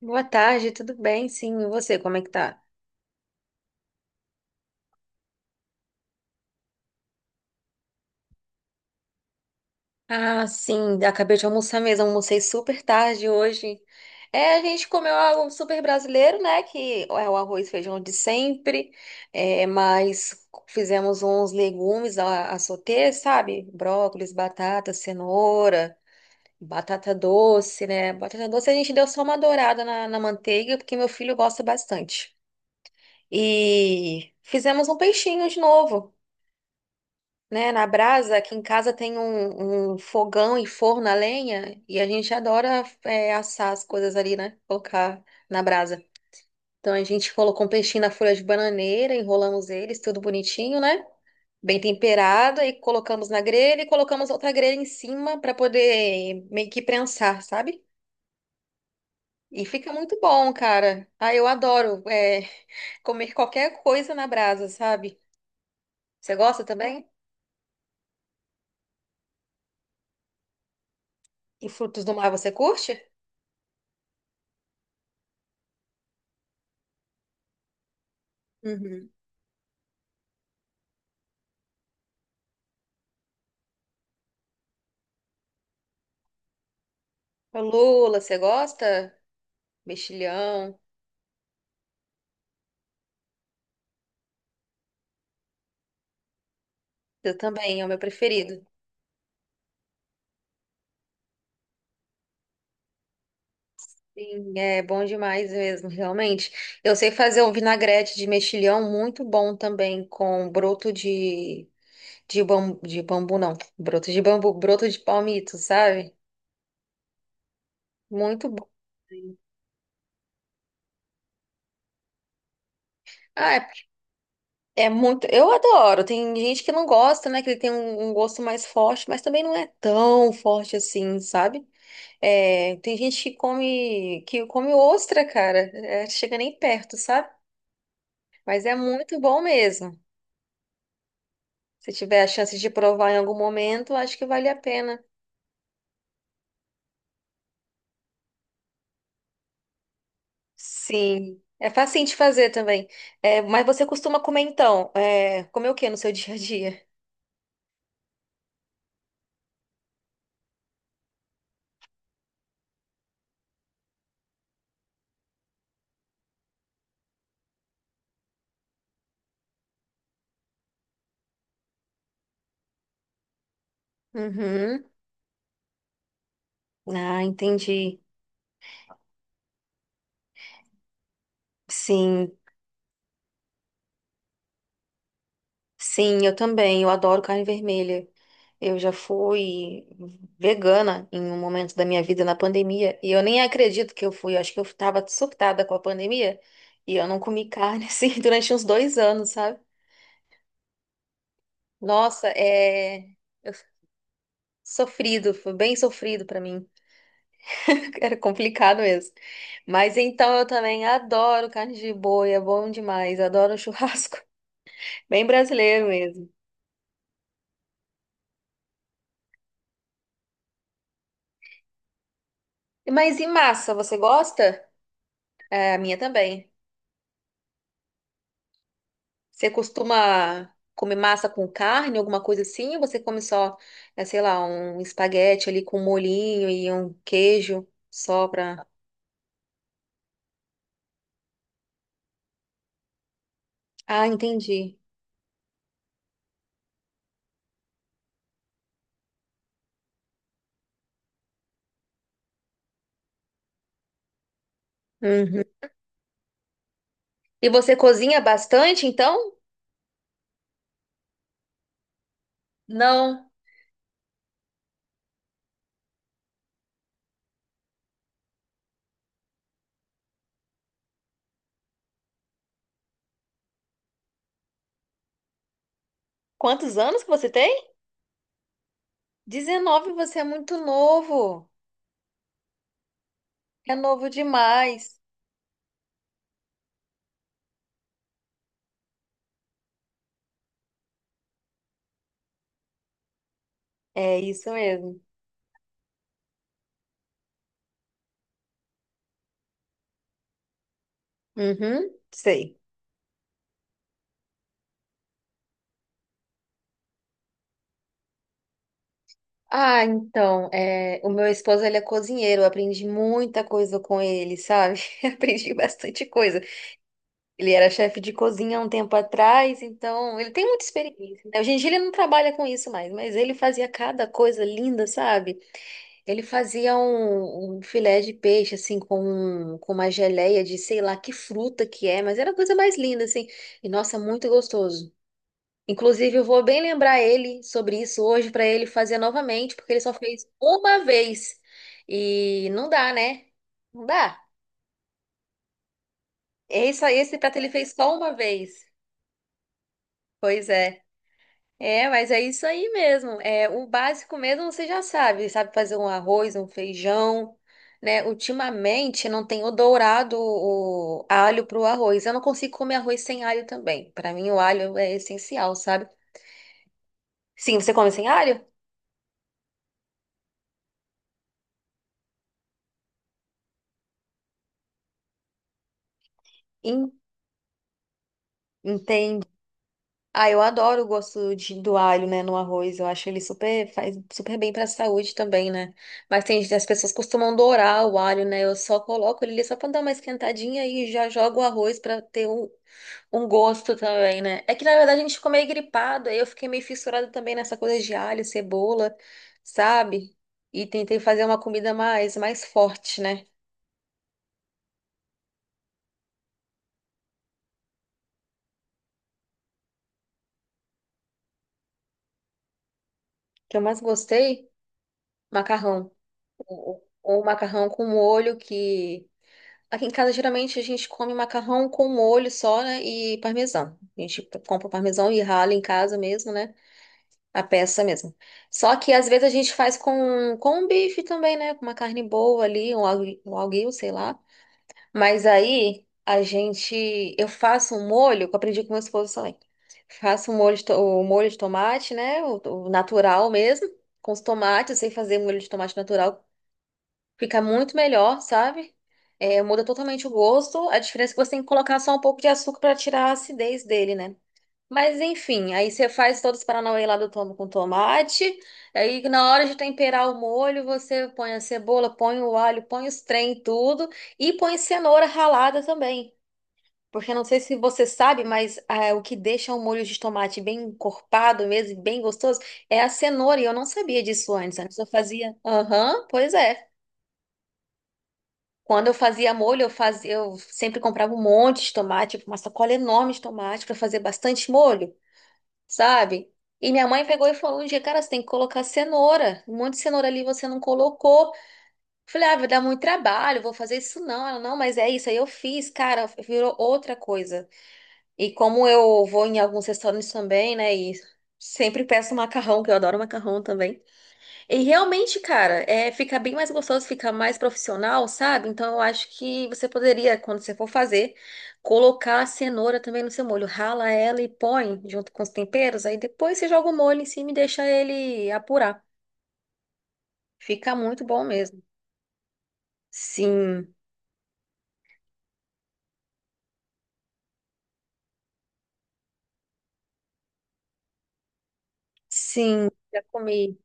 Boa tarde, tudo bem? Sim, e você, como é que tá? Ah, sim, acabei de almoçar mesmo, almocei super tarde hoje. É, a gente comeu algo super brasileiro, né? Que é o arroz e feijão de sempre, é, mas fizemos uns legumes a sauter, sabe? Brócolis, batata, cenoura, batata doce, né? Batata doce a gente deu só uma dourada na manteiga, porque meu filho gosta bastante. E fizemos um peixinho de novo. Né, na brasa, aqui em casa tem um fogão e forno a lenha, e a gente adora é, assar as coisas ali, né? Colocar na brasa. Então a gente colocou um peixinho na folha de bananeira, enrolamos eles, tudo bonitinho, né? Bem temperado, aí colocamos na grelha e colocamos outra grelha em cima para poder meio que prensar, sabe? E fica muito bom, cara. Ah, eu adoro é, comer qualquer coisa na brasa, sabe? Você gosta também? E frutos do mar você curte? Uhum. O lula, você gosta? Mexilhão. Eu também, é o meu preferido. Sim, é bom demais mesmo, realmente. Eu sei fazer um vinagrete de mexilhão muito bom também, com broto de bambu não, broto de bambu, broto de palmito, sabe? Muito bom. Ah, é, é muito. Eu adoro. Tem gente que não gosta, né? Que ele tem um gosto mais forte, mas também não é tão forte assim, sabe? É, tem gente que come ostra, cara. É, chega nem perto, sabe? Mas é muito bom mesmo. Se tiver a chance de provar em algum momento, acho que vale a pena. Sim, é facinho de fazer também. É, mas você costuma comer então? É, comer o que no seu dia a dia? Uhum. Ah, entendi. Sim, sim, eu também. Eu adoro carne vermelha. Eu já fui vegana em um momento da minha vida na pandemia e eu nem acredito que eu fui. Eu acho que eu estava surtada com a pandemia e eu não comi carne assim durante uns dois anos, sabe? Nossa, é eu- sofrido, foi bem sofrido pra mim. Era complicado mesmo. Mas então eu também adoro carne de boi, é bom demais. Adoro um churrasco, bem brasileiro mesmo. Mas e massa, você gosta? É, a minha também. Você costuma comer massa com carne, alguma coisa assim? Ou você come só, é, sei lá, um espaguete ali com molhinho e um queijo só pra. Ah, entendi. Uhum. E você cozinha bastante, então? Não. Quantos anos que você tem? 19, você é muito novo. É novo demais. É isso mesmo. Uhum, sei. Ah, então, é, o meu esposo, ele é cozinheiro, eu aprendi muita coisa com ele, sabe? Aprendi bastante coisa. Ele era chefe de cozinha há um tempo atrás, então ele tem muita experiência, né? Hoje em dia ele não trabalha com isso mais, mas ele fazia cada coisa linda, sabe? Ele fazia um filé de peixe, assim, com, com uma geleia de sei lá que fruta que é, mas era a coisa mais linda, assim. E nossa, muito gostoso. Inclusive, eu vou bem lembrar ele sobre isso hoje para ele fazer novamente, porque ele só fez uma vez. E não dá, né? Não dá. Esse prato ele fez só uma vez. Pois é. É, mas é isso aí mesmo. É, o básico mesmo você já sabe, sabe fazer um arroz, um feijão, né? Ultimamente não tenho dourado o alho pro arroz. Eu não consigo comer arroz sem alho também. Para mim o alho é essencial, sabe? Sim, você come sem alho? En- Entende? Ah, eu adoro o gosto de, do alho, né, no arroz. Eu acho ele super faz super bem para a saúde também, né? Mas tem as pessoas costumam dourar o alho, né? Eu só coloco ele ali só para dar uma esquentadinha e já jogo o arroz para ter um um gosto também, né? É que na verdade a gente ficou meio gripado, aí eu fiquei meio fissurada também nessa coisa de alho, cebola, sabe? E tentei fazer uma comida mais forte, né? O que eu mais gostei, macarrão. Ou macarrão com molho, que aqui em casa geralmente a gente come macarrão com molho só, né? E parmesão. A gente compra o parmesão e rala em casa mesmo, né? A peça mesmo. Só que às vezes a gente faz com um bife também, né? Com uma carne boa ali, um alguinho, sei lá. Mas aí a gente, eu faço um molho, que eu aprendi com meu esposo também. Faço um molho o molho de tomate, né? O natural mesmo, com os tomates. Eu sei fazer molho de tomate natural, fica muito melhor, sabe? É, muda totalmente o gosto. A diferença é que você tem que colocar só um pouco de açúcar para tirar a acidez dele, né? Mas enfim, aí você faz todos os paranauê lá com tomate. Aí na hora de temperar o molho, você põe a cebola, põe o alho, põe os trem, tudo. E põe cenoura ralada também. Porque não sei se você sabe, mas ah, o que deixa o molho de tomate bem encorpado mesmo, e bem gostoso, é a cenoura. E eu não sabia disso antes. Antes eu fazia. Aham, pois é. Quando eu fazia molho, eu fazia, eu sempre comprava um monte de tomate, tipo, uma sacola enorme de tomate para fazer bastante molho. Sabe? E minha mãe pegou e falou um dia, cara, você tem que colocar cenoura. Um monte de cenoura ali você não colocou. Falei, ah, vai dar muito trabalho, vou fazer isso não. Ela, não, mas é isso, aí eu fiz, cara, virou outra coisa. E como eu vou em alguns restaurantes também, né, e sempre peço macarrão, que eu adoro macarrão também. E realmente, cara, é, fica bem mais gostoso, fica mais profissional, sabe? Então eu acho que você poderia, quando você for fazer, colocar a cenoura também no seu molho. Rala ela e põe junto com os temperos, aí depois você joga o molho em cima e deixa ele apurar. Fica muito bom mesmo. Sim, sim, já comi.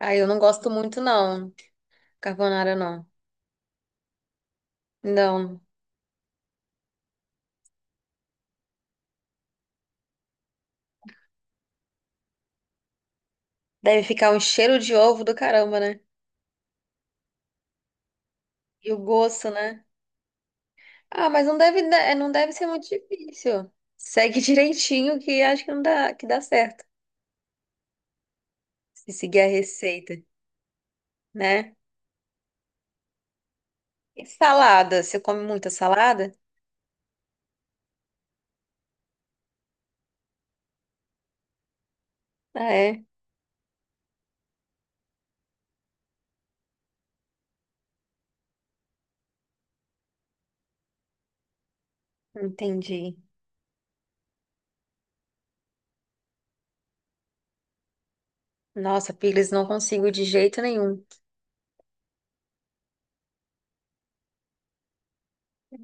Ah, eu não gosto muito, não. Carbonara, não. Não. Deve ficar um cheiro de ovo do caramba, né? E o gosto, né? Ah, mas não deve, é, não deve ser muito difícil. Segue direitinho que acho que não dá, que dá certo. Se seguir a receita, né? E salada, você come muita salada? Ah, é? Entendi. Nossa, pires, não consigo de jeito nenhum.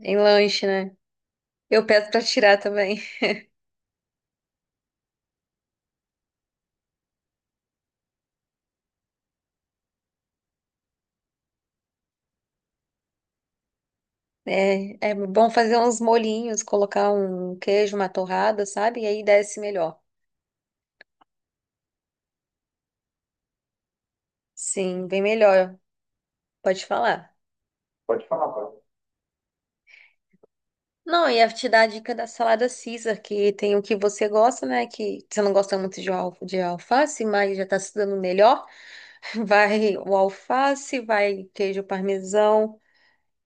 Em lanche, né? Eu peço pra tirar também. É, é bom fazer uns molhinhos, colocar um queijo, uma torrada, sabe? E aí desce melhor. Sim, bem melhor. Pode falar. Não, e ia te dar a dica da salada Caesar, que tem o que você gosta, né? Que você não gosta muito de, de alface, mas já tá se dando melhor. Vai o alface, vai queijo parmesão.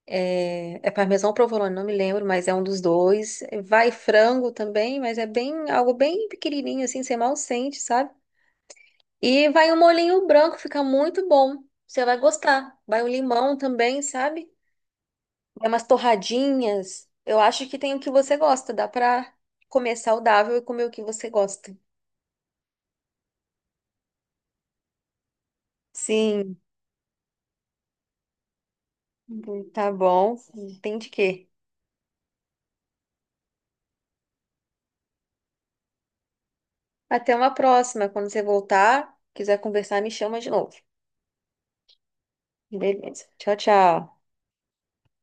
É, é parmesão ou provolone, não me lembro, mas é um dos dois. Vai frango também, mas é bem algo bem pequenininho, assim, você mal sente, sabe? E vai um molhinho branco, fica muito bom. Você vai gostar. Vai um limão também, sabe? É umas torradinhas. Eu acho que tem o que você gosta. Dá pra comer saudável e comer o que você gosta. Sim, tá bom. Tem de quê? Até uma próxima. Quando você voltar, quiser conversar, me chama de novo. Beleza. Tchau, tchau.